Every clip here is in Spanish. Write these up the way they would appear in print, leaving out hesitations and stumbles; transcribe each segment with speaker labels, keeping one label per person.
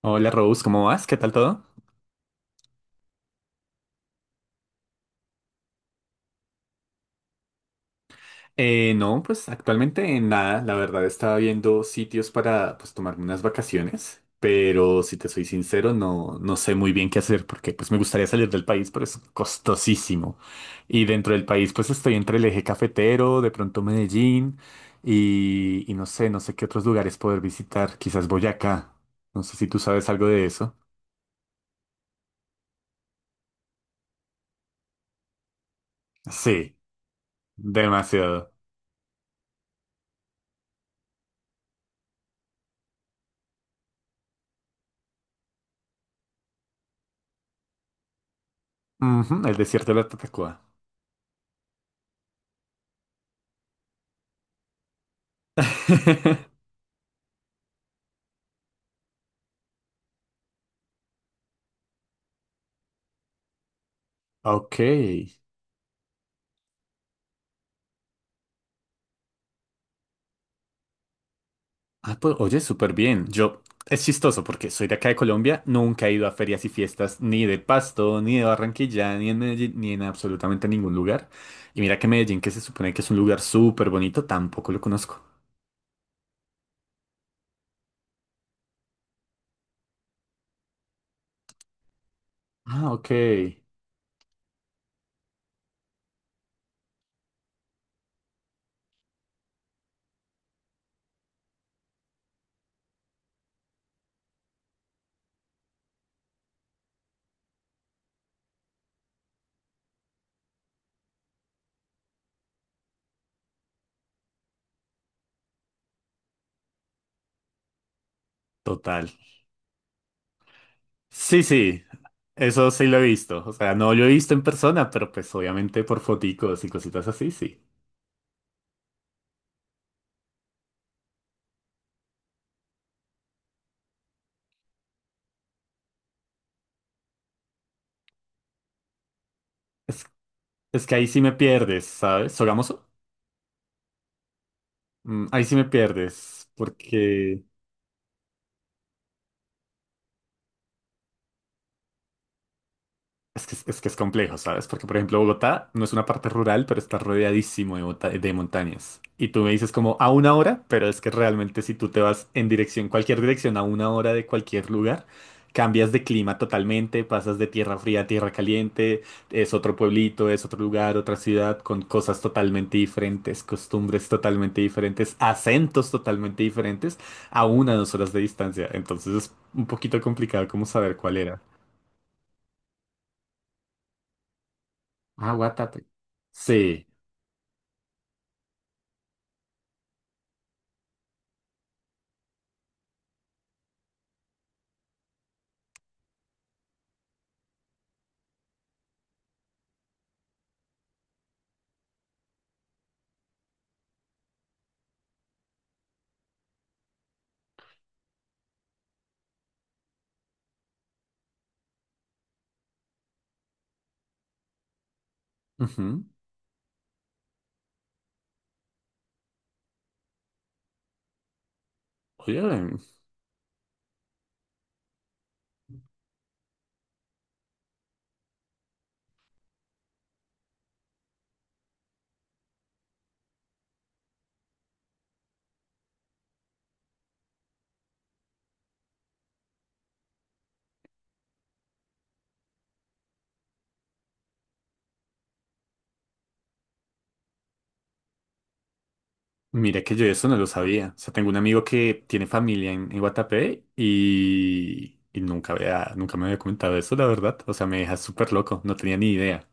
Speaker 1: Hola Rose, ¿cómo vas? ¿Qué tal todo? No, pues actualmente en nada, la verdad estaba viendo sitios para pues tomarme unas vacaciones, pero si te soy sincero no sé muy bien qué hacer porque pues me gustaría salir del país, pero es costosísimo. Y dentro del país pues estoy entre el eje cafetero, de pronto Medellín y no sé, no sé qué otros lugares poder visitar, quizás Boyacá, no sé si tú sabes algo de eso. Sí, demasiado. Ujú, el desierto de la Tatacoa. Ok. Ah, pues, oye, súper bien. Yo, es chistoso porque soy de acá de Colombia, nunca he ido a ferias y fiestas ni de Pasto, ni de Barranquilla, ni en Medellín, ni en absolutamente ningún lugar. Y mira que Medellín, que se supone que es un lugar súper bonito, tampoco lo conozco. Ah, ok. Total. Sí, sí. Eso sí lo he visto. O sea, no lo he visto en persona, pero pues obviamente por foticos y cositas así, sí. Es, es que ahí sí me pierdes, ¿sabes? ¿Sogamoso? Mm, ahí sí me pierdes, porque... Es que, es que es complejo, ¿sabes? Porque, por ejemplo, Bogotá no es una parte rural, pero está rodeadísimo de, de montañas. Y tú me dices como a una hora, pero es que realmente si tú te vas en dirección, cualquier dirección, a una hora de cualquier lugar, cambias de clima totalmente, pasas de tierra fría a tierra caliente, es otro pueblito, es otro lugar, otra ciudad, con cosas totalmente diferentes, costumbres totalmente diferentes, acentos totalmente diferentes, a una o dos horas de distancia. Entonces es un poquito complicado como saber cuál era. Ah, Guatate. Sí. Ujú. Oye, mira que yo eso no lo sabía. O sea, tengo un amigo que tiene familia en Guatapé y nunca había, nunca me había comentado eso, la verdad. O sea, me deja súper loco. No tenía ni idea.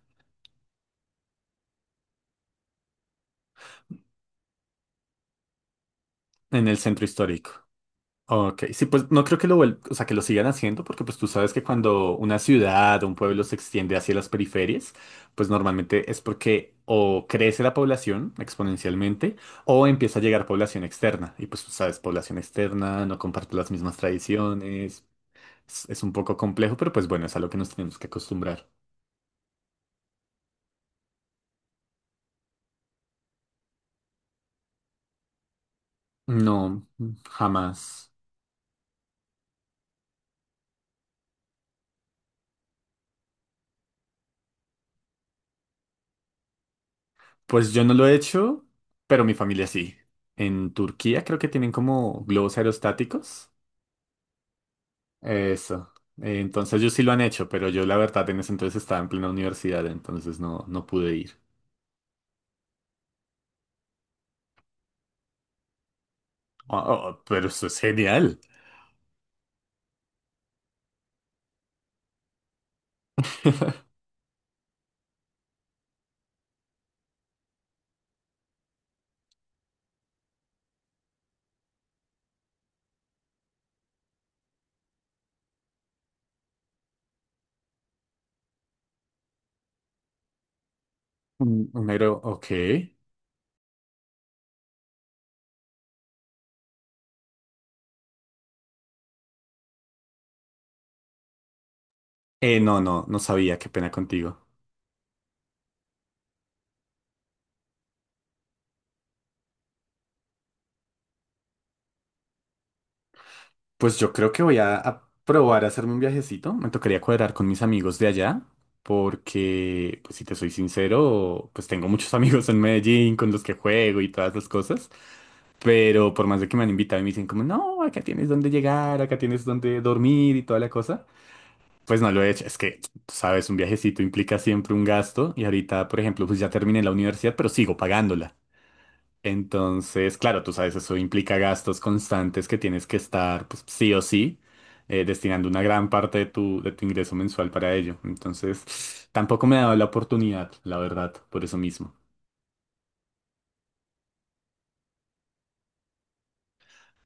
Speaker 1: En el centro histórico. Ok, sí, pues no creo que o sea, que lo sigan haciendo, porque pues tú sabes que cuando una ciudad o un pueblo se extiende hacia las periferias, pues normalmente es porque o crece la población exponencialmente o empieza a llegar población externa. Y pues tú sabes, población externa no comparte las mismas tradiciones, es un poco complejo, pero pues bueno, es a lo que nos tenemos que acostumbrar. No, jamás. Pues yo no lo he hecho, pero mi familia sí. En Turquía creo que tienen como globos aerostáticos. Eso. Entonces ellos sí lo han hecho, pero yo la verdad en ese entonces estaba en plena universidad, entonces no pude ir. Oh, oh, pero eso es genial. Un negro, ok. No, no sabía, qué pena contigo. Pues yo creo que a probar a hacerme un viajecito. Me tocaría cuadrar con mis amigos de allá, porque, pues si te soy sincero, pues tengo muchos amigos en Medellín con los que juego y todas las cosas. Pero por más de que me han invitado y me dicen como, no, acá tienes donde llegar, acá tienes donde dormir y toda la cosa, pues no lo he hecho. Es que, tú sabes, un viajecito implica siempre un gasto y ahorita, por ejemplo, pues ya terminé la universidad, pero sigo pagándola. Entonces, claro, tú sabes, eso implica gastos constantes que tienes que estar, pues, sí o sí, destinando una gran parte de de tu ingreso mensual para ello. Entonces, tampoco me ha dado la oportunidad, la verdad, por eso mismo.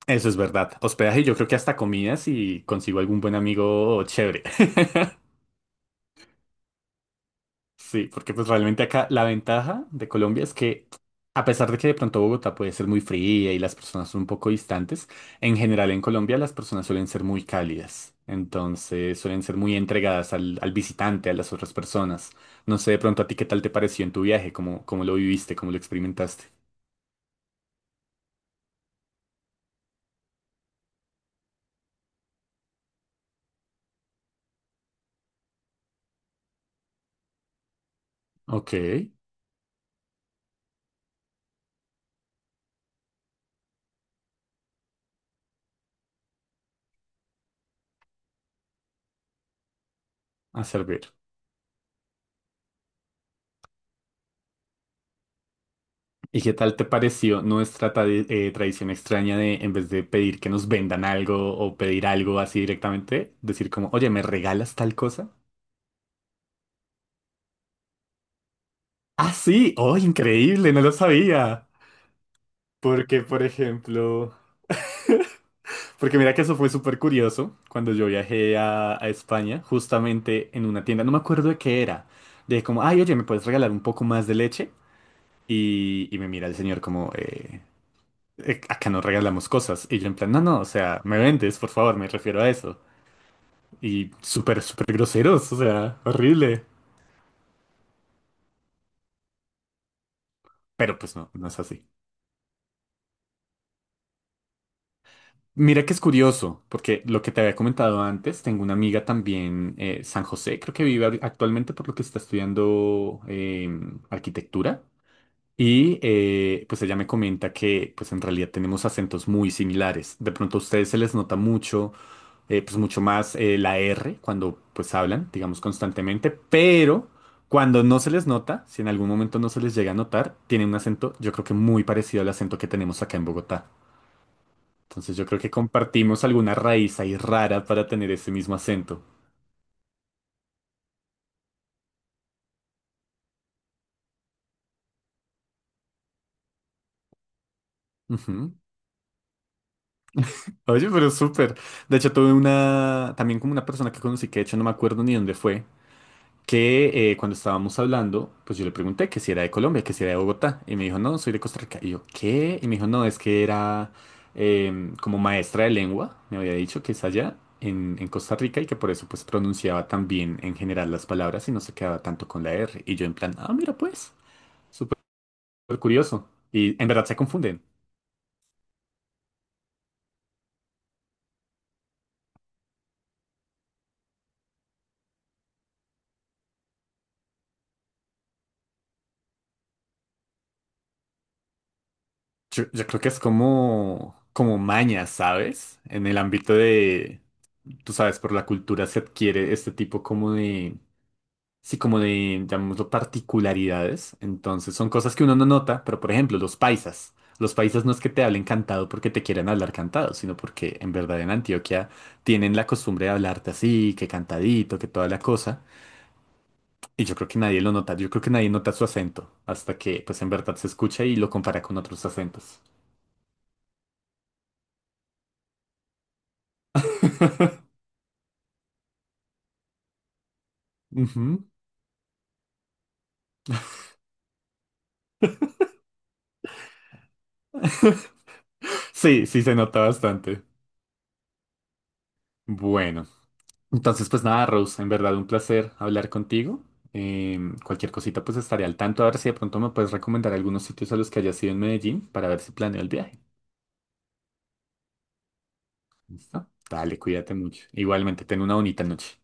Speaker 1: Eso es verdad. Hospedaje, yo creo que hasta comidas y consigo algún buen amigo chévere. Sí, porque pues realmente acá la ventaja de Colombia es que a pesar de que de pronto Bogotá puede ser muy fría y las personas son un poco distantes, en general en Colombia las personas suelen ser muy cálidas, entonces suelen ser muy entregadas al visitante, a las otras personas. No sé de pronto a ti qué tal te pareció en tu viaje, cómo, cómo lo viviste, cómo lo experimentaste. Ok, a servir. ¿Y qué tal te pareció nuestra tradición extraña de, en vez de pedir que nos vendan algo o pedir algo así directamente, decir como, oye, ¿me regalas tal cosa? Ah, sí, oh, increíble, no lo sabía. Porque, por ejemplo, porque mira que eso fue súper curioso cuando yo viajé a España, justamente en una tienda, no me acuerdo de qué era. De como, ay, oye, ¿me puedes regalar un poco más de leche? Y me mira el señor como, acá no regalamos cosas. Y yo en plan, no, no, o sea, me vendes, por favor, me refiero a eso. Y súper, súper groseros, o sea, horrible. Pero pues no, no es así. Mira que es curioso, porque lo que te había comentado antes, tengo una amiga también, San José, creo que vive actualmente por lo que está estudiando arquitectura. Y pues ella me comenta que pues en realidad tenemos acentos muy similares. De pronto a ustedes se les nota mucho, pues mucho más la R cuando pues hablan, digamos constantemente, pero cuando no se les nota, si en algún momento no se les llega a notar, tienen un acento yo creo que muy parecido al acento que tenemos acá en Bogotá. Entonces yo creo que compartimos alguna raíz ahí rara para tener ese mismo acento. Ujú. Oye, pero súper. De hecho, tuve una, también como una persona que conocí, que de hecho no me acuerdo ni dónde fue, que cuando estábamos hablando, pues yo le pregunté que si era de Colombia, que si era de Bogotá, y me dijo, no, soy de Costa Rica. Y yo, ¿qué? Y me dijo, no, es que era como maestra de lengua, me había dicho que es allá en Costa Rica y que por eso pues pronunciaba tan bien en general las palabras y no se quedaba tanto con la R. Y yo en plan, ah, mira pues. Súper súper curioso. Y en verdad se confunden. Yo creo que es como, como maña, ¿sabes? En el ámbito de, tú sabes, por la cultura se adquiere este tipo como de, sí, como de, llamémoslo, particularidades. Entonces son cosas que uno no nota, pero por ejemplo, los paisas. Los paisas no es que te hablen cantado porque te quieran hablar cantado, sino porque en verdad en Antioquia tienen la costumbre de hablarte así, que cantadito, que toda la cosa. Y yo creo que nadie lo nota, yo creo que nadie nota su acento, hasta que pues en verdad se escucha y lo compara con otros acentos. Ujú. Sí, sí se nota bastante. Bueno, entonces pues nada, Rose, en verdad un placer hablar contigo. Cualquier cosita pues estaré al tanto, a ver si de pronto me puedes recomendar algunos sitios a los que hayas ido en Medellín para ver si planeo el viaje. ¿Listo? Dale, cuídate mucho. Igualmente, ten una bonita noche.